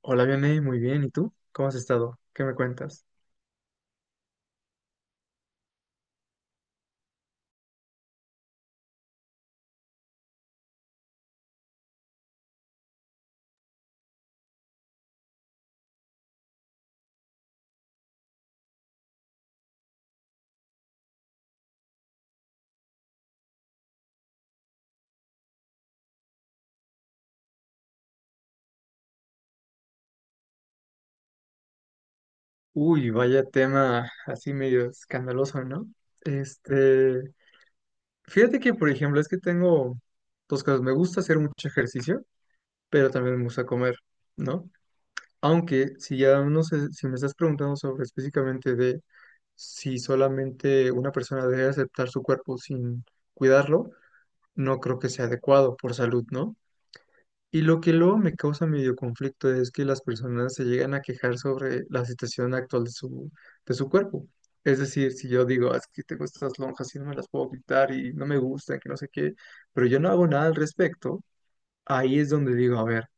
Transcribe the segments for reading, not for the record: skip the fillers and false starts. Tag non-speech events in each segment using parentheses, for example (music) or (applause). Hola, Vianey, muy bien. ¿Y tú? ¿Cómo has estado? ¿Qué me cuentas? Uy, vaya tema así medio escandaloso, ¿no? Este, fíjate que, por ejemplo, es que tengo dos cosas. Me gusta hacer mucho ejercicio, pero también me gusta comer, ¿no? Aunque si ya no sé, si me estás preguntando sobre específicamente de si solamente una persona debe aceptar su cuerpo sin cuidarlo, no creo que sea adecuado por salud, ¿no? Y lo que luego me causa medio conflicto es que las personas se llegan a quejar sobre la situación actual de de su cuerpo. Es decir, si yo digo, "Ah, es que tengo estas lonjas y no me las puedo quitar y no me gustan, que no sé qué, pero yo no hago nada al respecto, ahí es donde digo, a ver,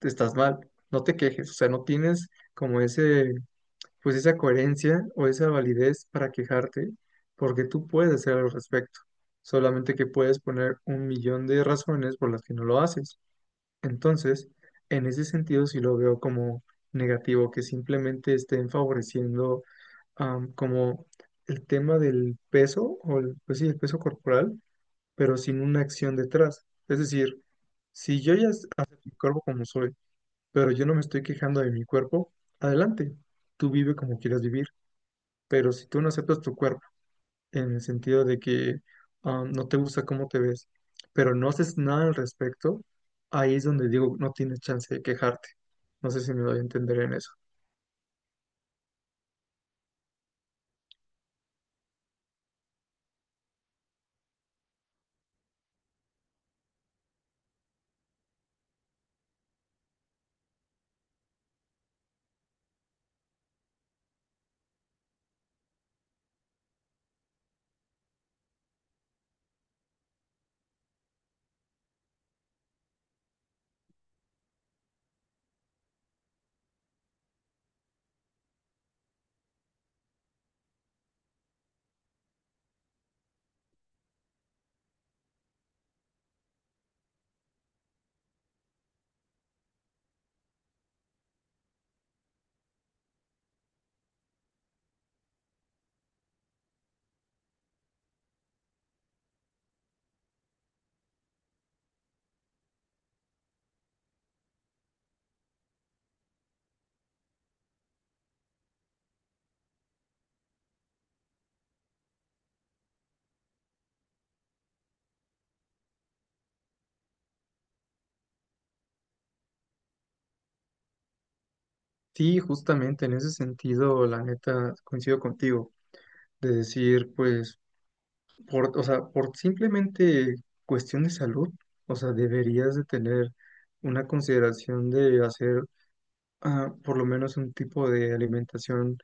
estás mal, no te quejes, o sea, no tienes como ese, pues esa coherencia o esa validez para quejarte, porque tú puedes hacer algo al respecto, solamente que puedes poner un millón de razones por las que no lo haces". Entonces, en ese sentido sí lo veo como negativo, que simplemente estén favoreciendo como el tema del peso, o el, pues sí, el peso corporal, pero sin una acción detrás. Es decir, si yo ya acepto mi cuerpo como soy, pero yo no me estoy quejando de mi cuerpo, adelante, tú vive como quieras vivir, pero si tú no aceptas tu cuerpo, en el sentido de que no te gusta cómo te ves, pero no haces nada al respecto, ahí es donde digo, no tienes chance de quejarte. No sé si me doy a entender en eso. Sí, justamente en ese sentido, la neta, coincido contigo, de decir, pues, por, o sea, por simplemente cuestión de salud, o sea, deberías de tener una consideración de hacer por lo menos un tipo de alimentación.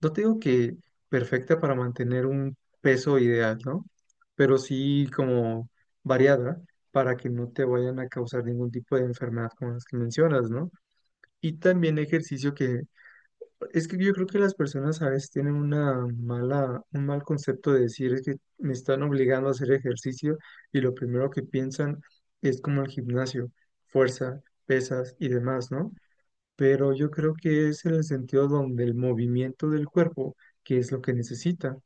No te digo que perfecta para mantener un peso ideal, ¿no? Pero sí como variada para que no te vayan a causar ningún tipo de enfermedad como las que mencionas, ¿no? Y también ejercicio que es que yo creo que las personas a veces tienen una mala, un mal concepto de decir es que me están obligando a hacer ejercicio y lo primero que piensan es como el gimnasio, fuerza, pesas y demás, ¿no? Pero yo creo que es en el sentido donde el movimiento del cuerpo, que es lo que necesita.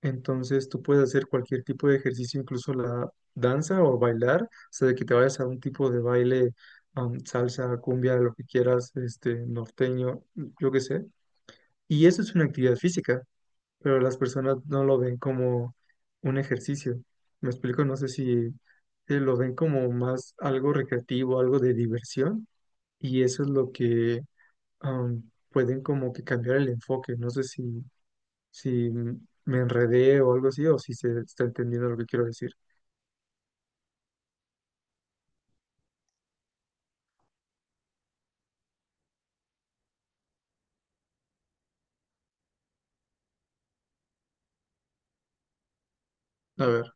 Entonces tú puedes hacer cualquier tipo de ejercicio, incluso la danza o bailar, o sea, de que te vayas a un tipo de baile, salsa, cumbia, lo que quieras, norteño, yo qué sé. Y eso es una actividad física, pero las personas no lo ven como un ejercicio. Me explico, no sé si lo ven como más algo recreativo, algo de diversión, y eso es lo que pueden como que cambiar el enfoque. No sé si me enredé o algo así, o si se está entendiendo lo que quiero decir. A ver.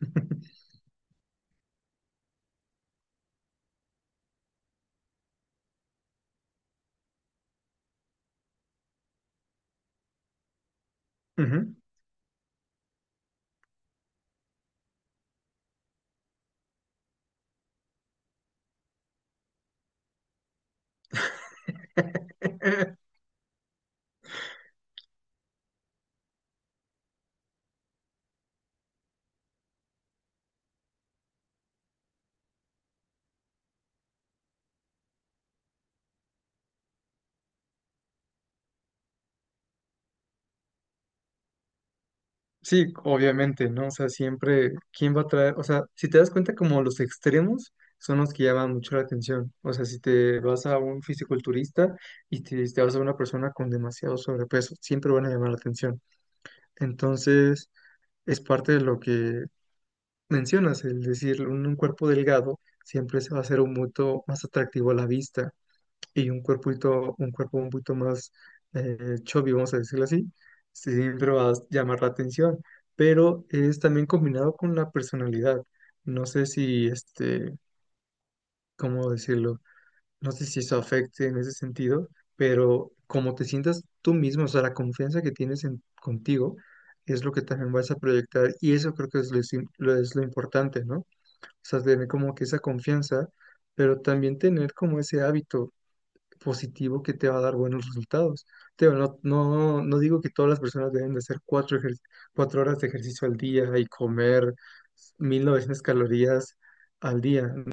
(laughs) Ujú. (laughs) Sí, obviamente, ¿no? O sea, siempre, ¿quién va a traer? O sea, si te das cuenta, como los extremos son los que llaman mucho la atención. O sea, si te vas a un fisiculturista y te, si te vas a una persona con demasiado sobrepeso, siempre van a llamar la atención. Entonces, es parte de lo que mencionas, el decir, un cuerpo delgado siempre se va a hacer un mucho más atractivo a la vista y un cuerpito, un cuerpo un poquito más eh, chubby, vamos a decirlo así, sí, siempre va a llamar la atención, pero es también combinado con la personalidad. No sé si, ¿cómo decirlo? No sé si eso afecte en ese sentido, pero como te sientas tú mismo, o sea, la confianza que tienes en, contigo es lo que también vas a proyectar y eso creo que es es lo importante, ¿no? Sea, tener como que esa confianza, pero también tener como ese hábito positivo que te va a dar buenos resultados. Te digo, no, no, no digo que todas las personas deben de hacer cuatro horas de ejercicio al día y comer 1900 calorías al día, ¿no?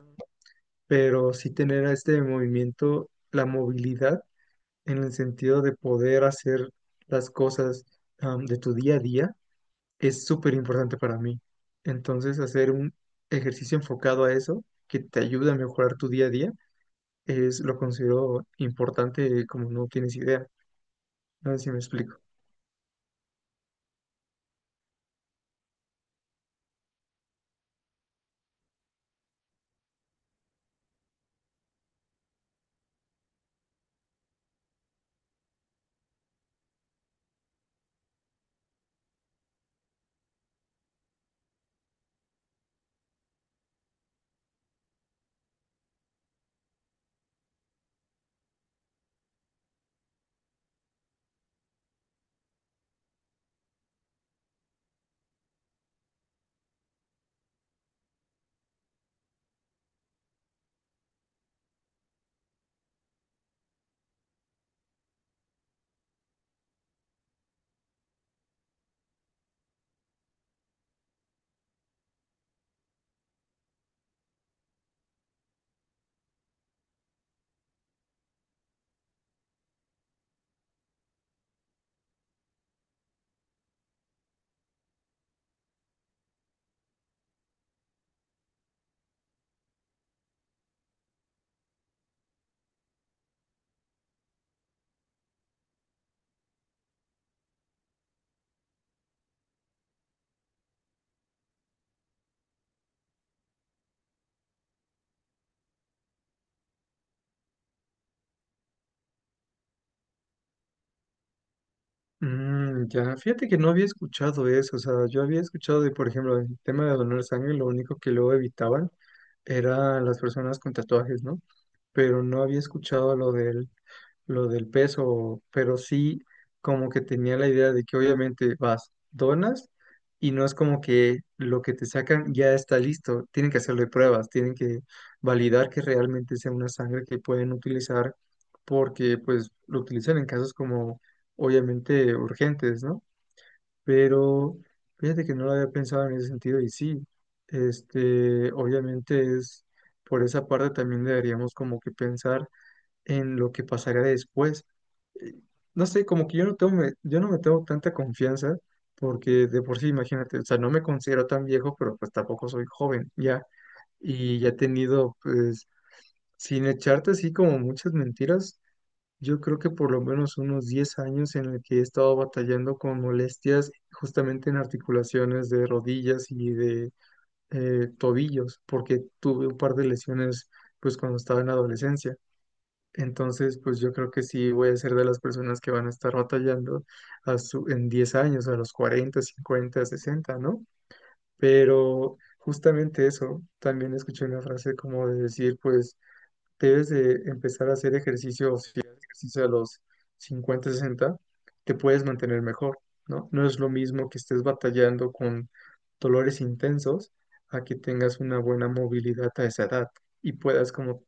Pero sí tener a este movimiento, la movilidad en el sentido de poder hacer las cosas, de tu día a día es súper importante para mí. Entonces, hacer un ejercicio enfocado a eso, que te ayude a mejorar tu día a día, es lo considero importante como no tienes idea. No sé si me explico. Ya, fíjate que no había escuchado eso. O sea, yo había escuchado de, por ejemplo, el tema de donar sangre, lo único que luego evitaban eran las personas con tatuajes, ¿no? Pero no había escuchado lo del peso, pero sí como que tenía la idea de que obviamente vas, donas y no es como que lo que te sacan ya está listo, tienen que hacerle pruebas, tienen que validar que realmente sea una sangre que pueden utilizar porque pues lo utilizan en casos como obviamente urgentes, ¿no? Pero fíjate que no lo había pensado en ese sentido y sí, obviamente es por esa parte también deberíamos como que pensar en lo que pasaría después, no sé, como que yo no tengo, yo no me tengo tanta confianza, porque de por sí, imagínate, o sea, no me considero tan viejo, pero pues tampoco soy joven, ya, y ya he tenido, pues, sin echarte así como muchas mentiras, yo creo que por lo menos unos 10 años en el que he estado batallando con molestias justamente en articulaciones de rodillas y de tobillos, porque tuve un par de lesiones, pues, cuando estaba en la adolescencia. Entonces, pues yo creo que sí voy a ser de las personas que van a estar batallando a en 10 años, a los 40, 50, 60, ¿no? Pero justamente eso, también escuché una frase como de decir, pues debes de empezar a hacer ejercicio, o si haces ejercicio a los 50, 60 te puedes mantener mejor, ¿no? No es lo mismo que estés batallando con dolores intensos a que tengas una buena movilidad a esa edad y puedas como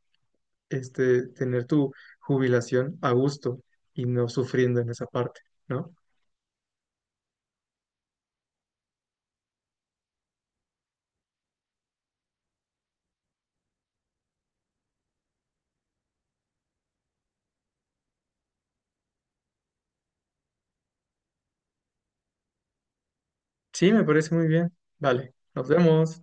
tener tu jubilación a gusto y no sufriendo en esa parte, ¿no? Sí, me parece muy bien. Vale, nos vemos.